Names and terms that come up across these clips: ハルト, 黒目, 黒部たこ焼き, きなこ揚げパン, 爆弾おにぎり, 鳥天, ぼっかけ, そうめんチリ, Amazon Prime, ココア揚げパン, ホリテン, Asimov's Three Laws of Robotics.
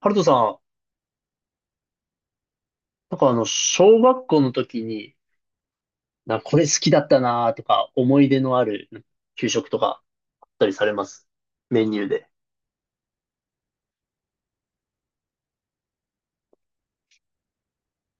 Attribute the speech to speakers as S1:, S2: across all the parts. S1: ハルトさん、なんか小学校の時に、これ好きだったなとか、思い出のある給食とかあったりされます？メニューで。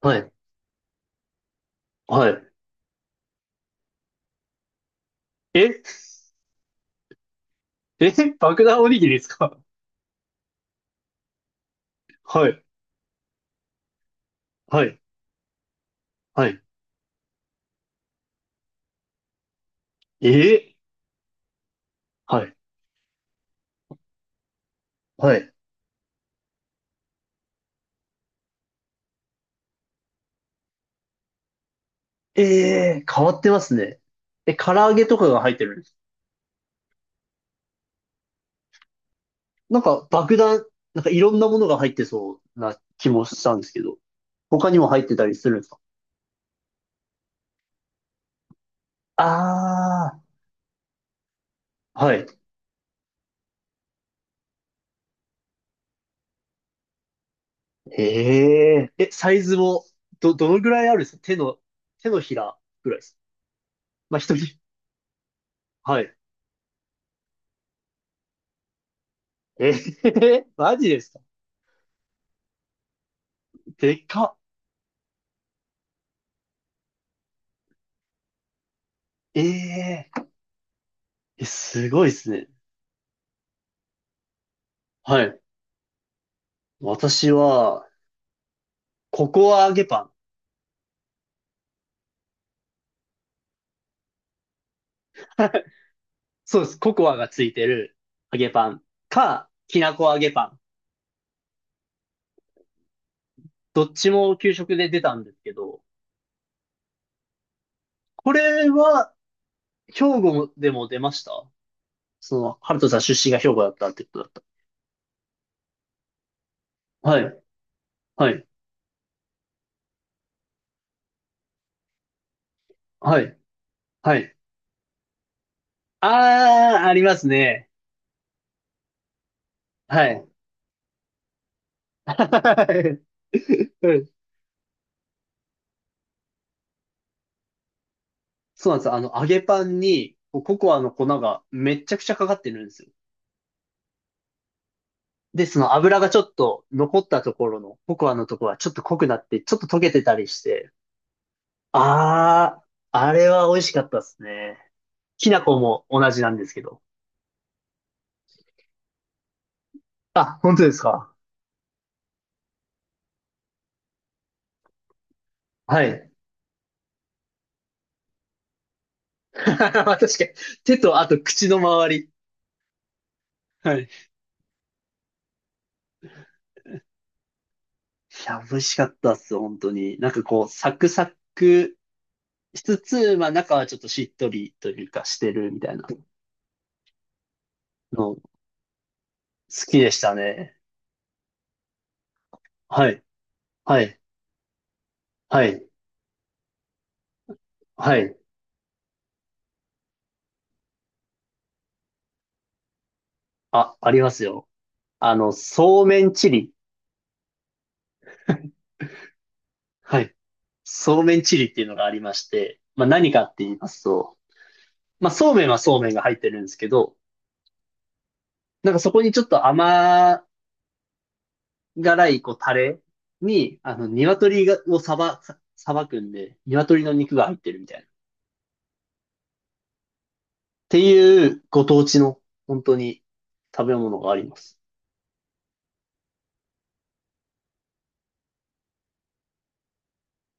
S1: はい。はい。え、 え、爆弾おにぎりですか？はい。はい。はい。え、はい。はい。えー、変わってますね。え、唐揚げとかが入ってるんです？なんか爆弾、なんかいろんなものが入ってそうな気もしたんですけど、他にも入ってたりするんですか？ああー、はい。へえ。え、サイズも、どのぐらいあるんですか？手のひらぐらいですか？まあ、人に。はい。えー、マジですか？でかっ。えええ、すごいですね。はい。私は、ココア揚げパン。そうです。ココアがついてる揚げパンか、きなこ揚げパン。どっちも給食で出たんですけど、これは、兵庫でも出ました？その、ハルトさん出身が兵庫だったってことだった。はい。はい。はい。はい。ああ、ありますね。はい。うん、そうなんですよ。揚げパンに、こうココアの粉がめっちゃくちゃかかってるんですよ。で、その油がちょっと残ったところの、ココアのところはちょっと濃くなって、ちょっと溶けてたりして。ああ、あれは美味しかったですね。きな粉も同じなんですけど。あ、本当ですか？はい。確かに。手とあと口の周り。はい。いや、美味しかったっす、本当に。なんかこう、サクサクしつつ、まあ中はちょっとしっとりというかしてるみたいなの好きでしたね。はい、はい、はい、はい。あ、ありますよ。そうめんチリ。はい。そうめんチリっていうのがありまして、まあ何かって言いますと、まあそうめんはそうめんが入ってるんですけど、なんかそこにちょっと甘辛いこうタレに、鶏がをさば、ささばくんで、鶏の肉が入ってるみたいな。っていうご当地の本当に食べ物があります。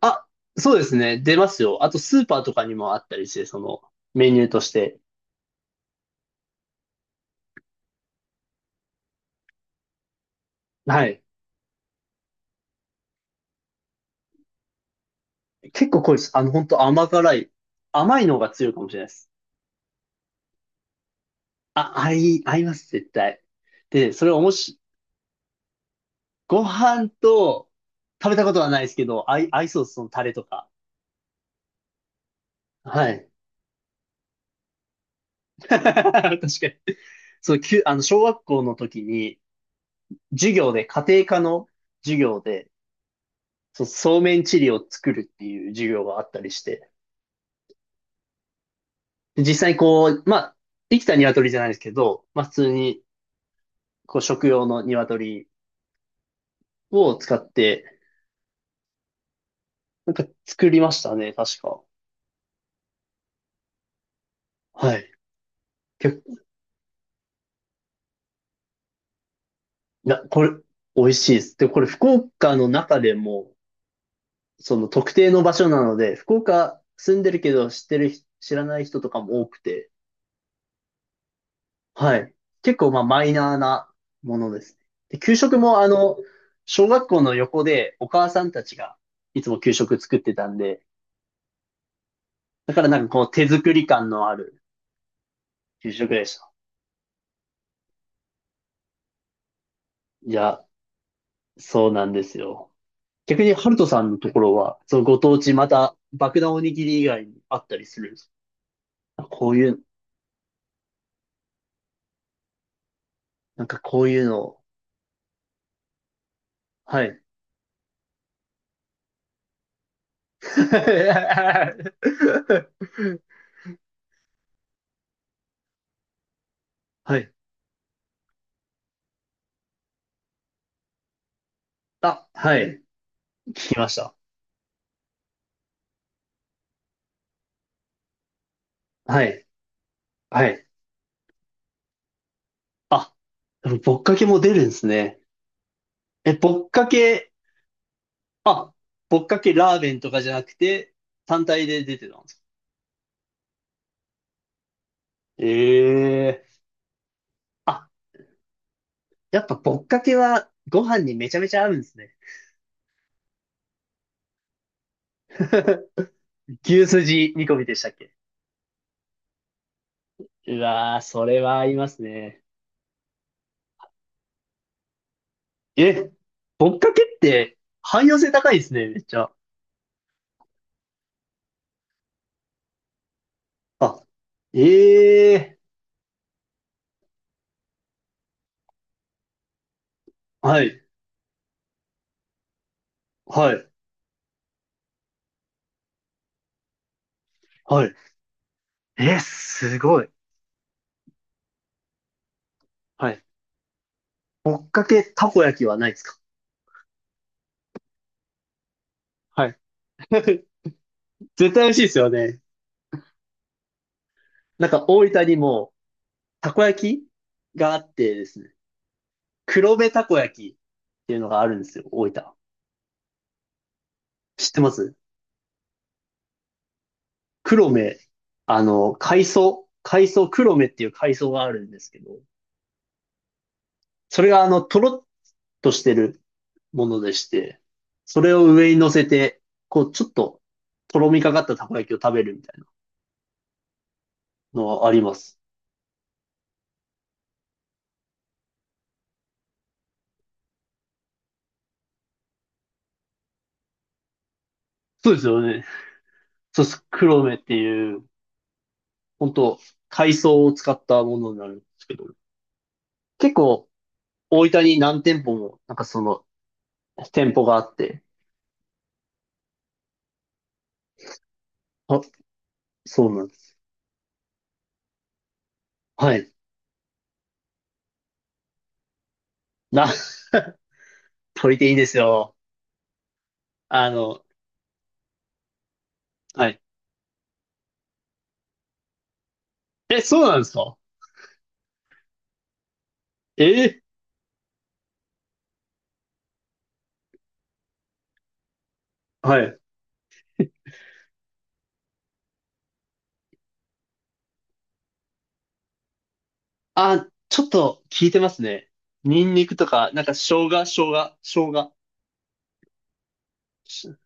S1: あ、そうですね。出ますよ。あと、スーパーとかにもあったりして、その、メニューとして。はい。結構濃いです。本当甘辛い。甘いのが強いかもしれないです。あ、合います、絶対。で、それをもし、ご飯と、食べたことはないですけど、合いそうです、そのタレとか。はい。確かに。そう、きゅ、あの、小学校の時に、授業で、家庭科の授業で、そうめんチリを作るっていう授業があったりして、で実際にこう、まあ、生きた鶏じゃないですけど、まあ、普通に、こう、食用の鶏を使って、なんか作りましたね、確か。はい。結構、これ、美味しいです。で、これ、福岡の中でも、その特定の場所なので、福岡住んでるけど知ってる人、知らない人とかも多くて、はい。結構、まあ、マイナーなものですね。で、給食も、小学校の横でお母さんたちがいつも給食作ってたんで、だからなんかこう手作り感のある給食でした。いや、そうなんですよ。逆にハルトさんのところは、そのご当地また爆弾おにぎり以外にあったりするんですか？こういう、なんかこういうのを、はい。はい。あ、はい。聞きました。はい。はい。あ、でもぼっかけも出るんですね。え、ぼっかけ、あ、ぼっかけラーメンとかじゃなくて、単体で出てたんですか？ええー、あ、やっぱぼっかけはご飯にめちゃめちゃ合うんですね。牛すじ煮込みでしたっけ？うわー、それは合いますね。え、ぼっかけって汎用性高いですね、めっちゃ。あ、ええー、はい、はい、はい。え、すごい。はい。ぼっかけたこ焼きはないですか？はい。絶対美味しいですよね。なんか大分にもたこ焼きがあってですね、黒部たこ焼きっていうのがあるんですよ、大分。知ってます？黒目、海藻、黒目っていう海藻があるんですけど、それがとろっとしてるものでして、それを上に乗せて、こう、ちょっと、とろみかかったたこ焼きを食べるみたいなのはあります。そうですよね。そうです。黒目っていう、本当海藻を使ったものになるんですけど、結構、大分に何店舗も、なんかその、店舗があって、あ、そうなんです。はい。な、とりていいですよ。あの、はい。え、そうなんですか？えー、はい。あ、ちょっと効いてますね。ニンニクとか、なんか生姜、し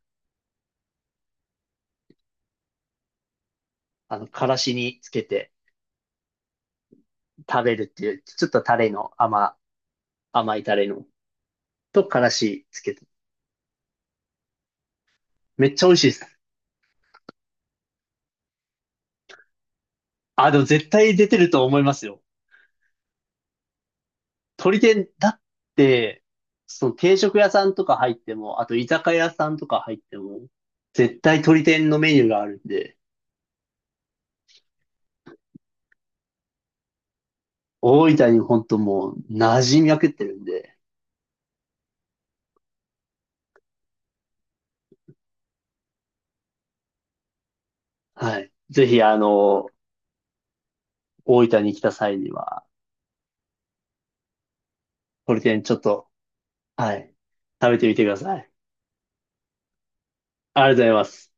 S1: からしにつけて食べるっていう、ちょっとタレの甘いタレの、とからしつけて。めっちゃ美味しいです。あ、でも絶対出てると思いますよ。鳥天、だって、その定食屋さんとか入っても、あと居酒屋さんとか入っても、絶対鳥天のメニューがあるんで、大分にほんともう馴染みまくってるんで、はい。ぜひ、大分に来た際には、ホリテンちょっと、はい、食べてみてください。ありがとうございます。